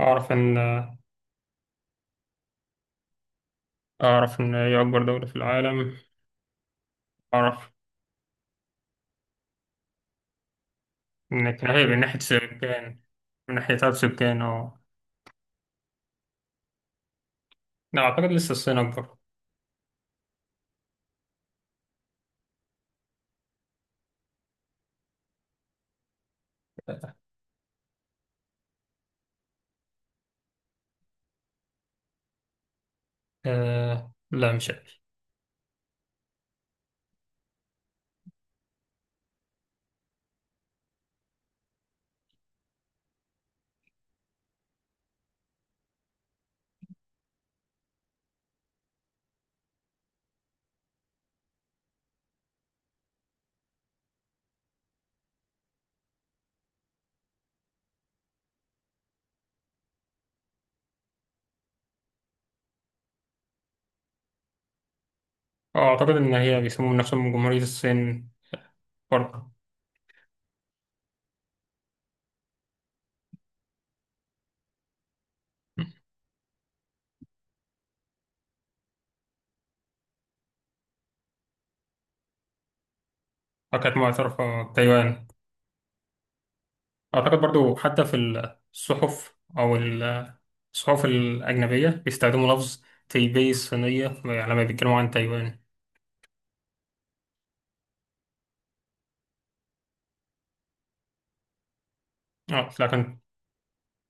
أعرف إن أعرف إن هي أكبر دولة في العالم. أعرف إن كان هي من ناحية سكان، من ناحية عدد سكان. أه، لا أعتقد لسه الصين أكبر. أه، لا مش عارف. أعتقد إن هي بيسمون نفسهم جمهورية الصين برضه. وكانت معترفة بتايوان. أعتقد برضه حتى في الصحف أو ال- الصحف الأجنبية بيستخدموا لفظ تايبي الصينية، يعني لما بيتكلموا عن تايوان. لكن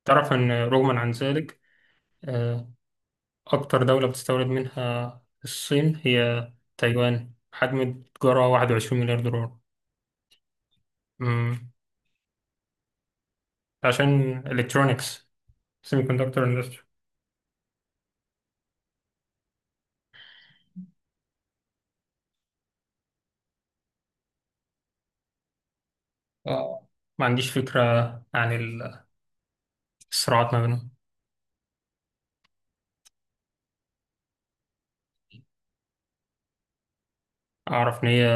تعرف إن رغما عن ذلك، آه، أكتر دولة بتستورد منها الصين هي تايوان، حجم التجارة 21 مليار دولار. مم. عشان الكترونكس سيمي كوندكتور اندستري. ما عنديش فكرة عن الصراعات ما بينهم. أعرف إن هي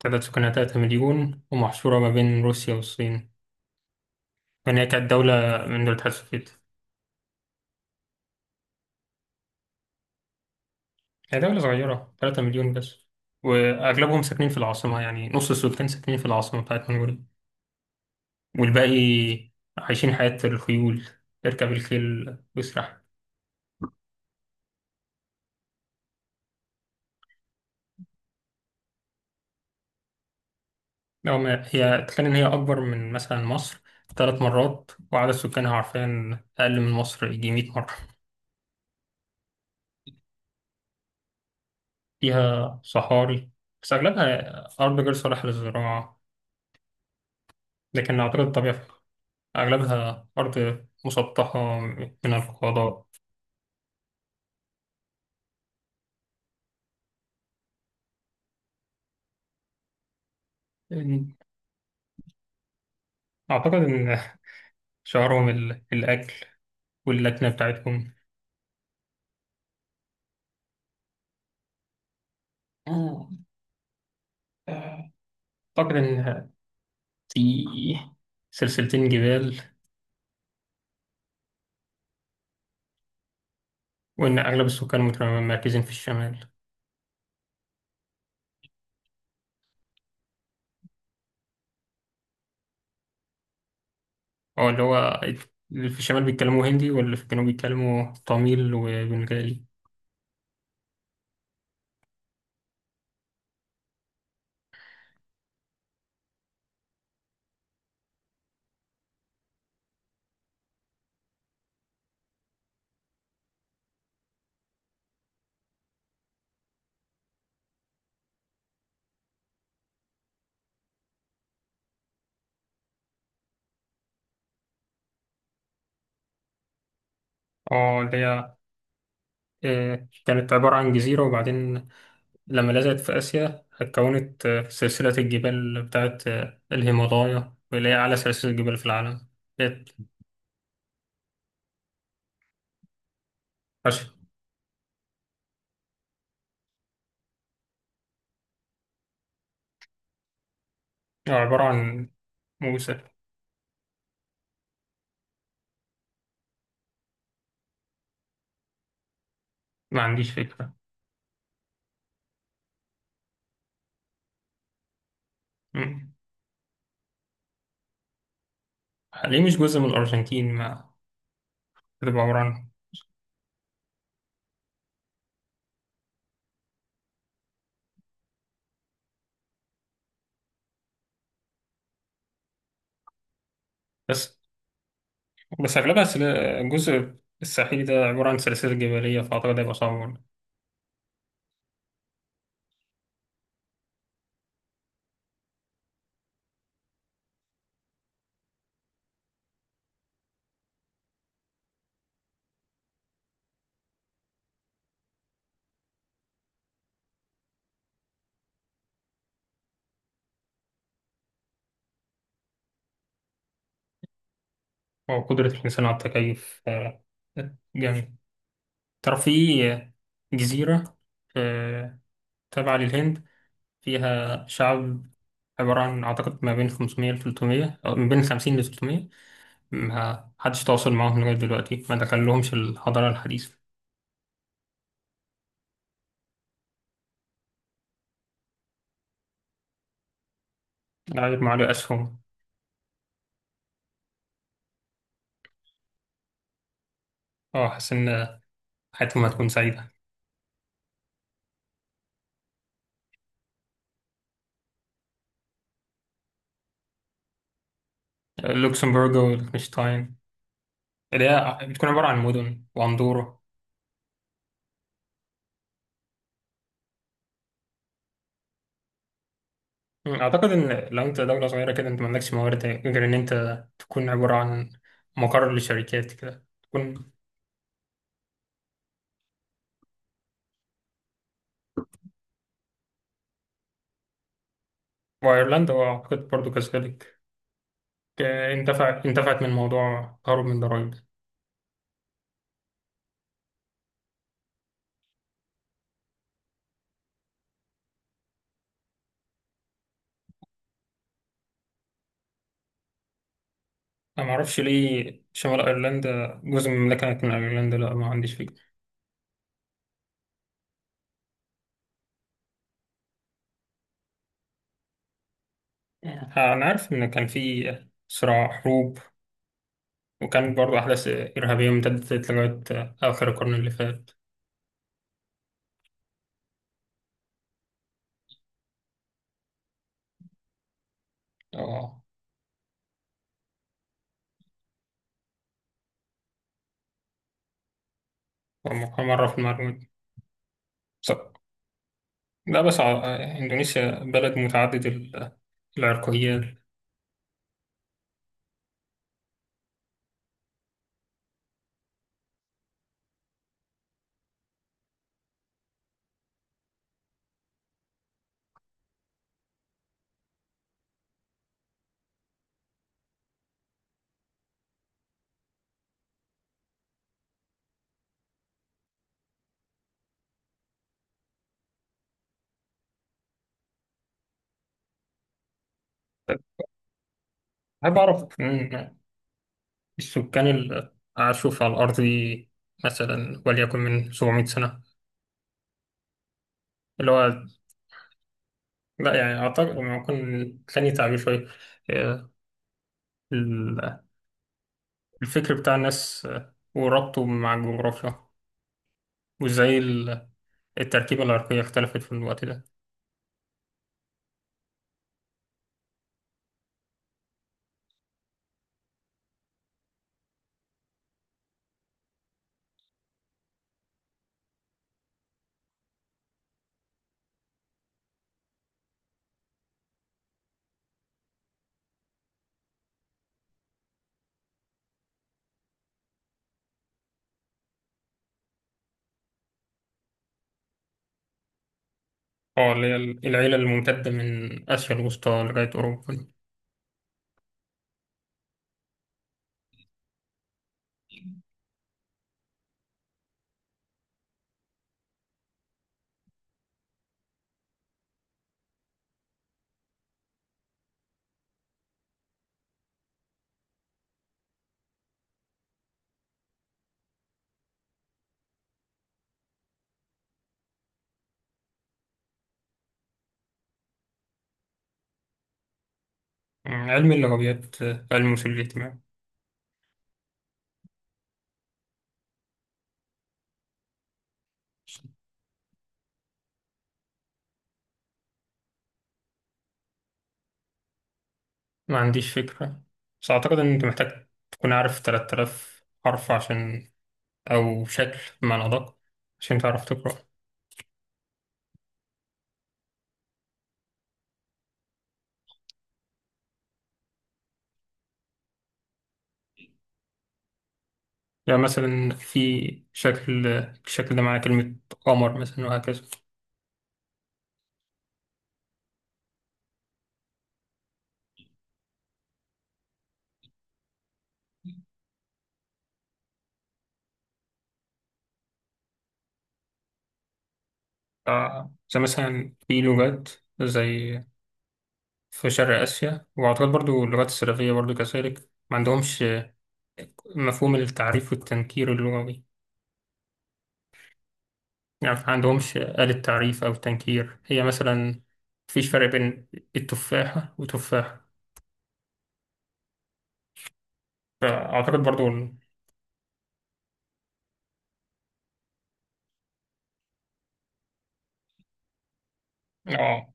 تعداد سكانها 3 مليون، ومحصورة ما بين روسيا والصين، لأن هي كانت دولة من دول الاتحاد السوفيتي. هي دولة صغيرة، 3 مليون بس، وأغلبهم ساكنين في العاصمة، يعني نص السكان ساكنين في العاصمة بتاعت منغوليا، والباقي عايشين حياة الخيول، يركب الخيل ويسرح. لو ما هي، تخيل إن هي أكبر من مثلا مصر ثلاث مرات، وعدد سكانها، عارفين، أقل من مصر يجي 100 مرة. فيها صحاري، بس أغلبها أرض غير صالحة للزراعة، لكن أعتقد الطبيعة فيها. أغلبها أرض مسطحة من الفضاء. أعتقد إن شعارهم الأكل واللكنة بتاعتهم. اه. أعتقد إن في سلسلتين جبال، وإن أغلب السكان متمركزين في الشمال. أو اللي هو، اللي في الشمال بيتكلموا هندي، واللي في الجنوب بيتكلموا تاميل وبنغالي. اه، اللي هي كانت عبارة عن جزيرة، وبعدين لما لزقت في آسيا اتكونت سلسلة الجبال بتاعت الهيمالايا، واللي هي أعلى سلسلة جبال في العالم. كانت عش- عبارة عن موسى. ما عنديش فكرة. مم. ليه مش جزء من الأرجنتين، ما تبقى عبارة عن. بس بس أغلبها الجزء الساحلي ده عبارة عن سلاسل جبلية، فأعتقد هيبقى صعب. وقدرة الإنسان على التكيف، جامد. ترى في جزيرة آه، تابعة للهند، فيها شعب عبارة عن، أعتقد، ما بين 500 ل 300، أو من بين 50 ل 300. ما حدش تواصل معاهم لغاية دلوقتي، ما دخلهمش الحضارة الحديثة غير مع أسهم. أه، حاسس إن حياتهم هتكون سعيدة. لوكسمبورغ وليechtenstein، اللي هي بتكون عبارة عن مدن، وأندورا. أعتقد إن لو أنت دولة صغيرة كده، أنت ما عندكش موارد غير إن أنت تكون عبارة عن مقر لشركات كده، تكون. وأيرلندا، وأعتقد برضو كذلك، اندفعت من موضوع تهرب من ضرائب ده. أنا معرفش ليه شمال أيرلندا جزء من المملكة كانت من أيرلندا، لا ما عنديش فكرة. أنا عارف إن كان في صراع، حروب، وكان برضو أحداث إرهابية امتدت لغاية آخر القرن اللي فات. أه. مرة في المعلومات. So، لا بس إندونيسيا بلد متعدد العرقيات. أحب أعرف، السكان اللي عاشوا في على الأرض دي، مثلا وليكن من 700 سنة، اللي هو، لا يعني أعتقد لما يكون ثاني تعبير شوية، آه، ال- الفكر بتاع الناس، وربطه مع الجغرافيا، وإزاي التركيبة العرقية اختلفت في الوقت ده. اه اللي هي العيلة الممتدة من آسيا الوسطى لغاية أوروبا. علم اللغويات، علم وسيلة الاجتماع. ما عنديش فكرة. بس أعتقد إن أنت محتاج تكون عارف 3000 حرف عشان، أو شكل بمعنى أدق، عشان تعرف تقرأ. يعني مثلا في شكل، الشكل ده معناه كلمة قمر مثلا، وهكذا. ف- زي مثلا في لغات، زي في شرق آسيا، وأعتقد برضو اللغات السلافية برضو كذلك ما عندهمش مفهوم التعريف والتنكير اللغوي. يعني ما عندهمش آلة تعريف أو تنكير، هي مثلا مفيش فرق بين التفاحة وتفاحة. فأعتقد برضو آه،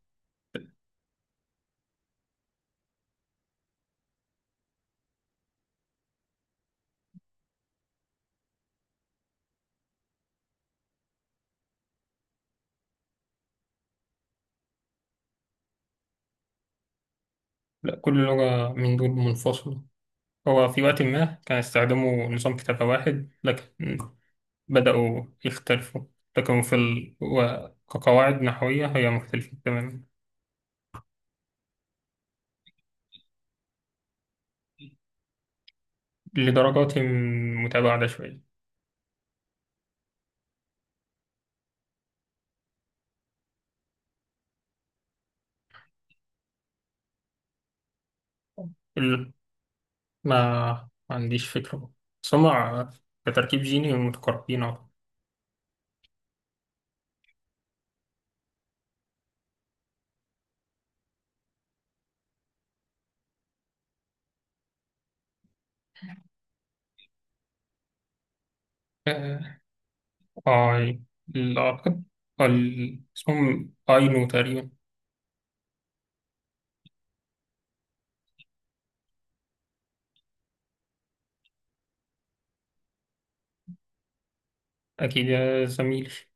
لا كل لغة من دول منفصلة. هو في وقت ما كان يستخدموا نظام كتابة واحد، لكن بدأوا يختلفوا. لكن في كقواعد نحوية هي مختلفة تماما. لدرجات متباعدة شوية. ال... ما ما عنديش فكرة، بس هما كتركيب جيني متقاربين. أعتقد. اي اعتقد اسمهم اينو تقريبا. اكيد يا زميلي.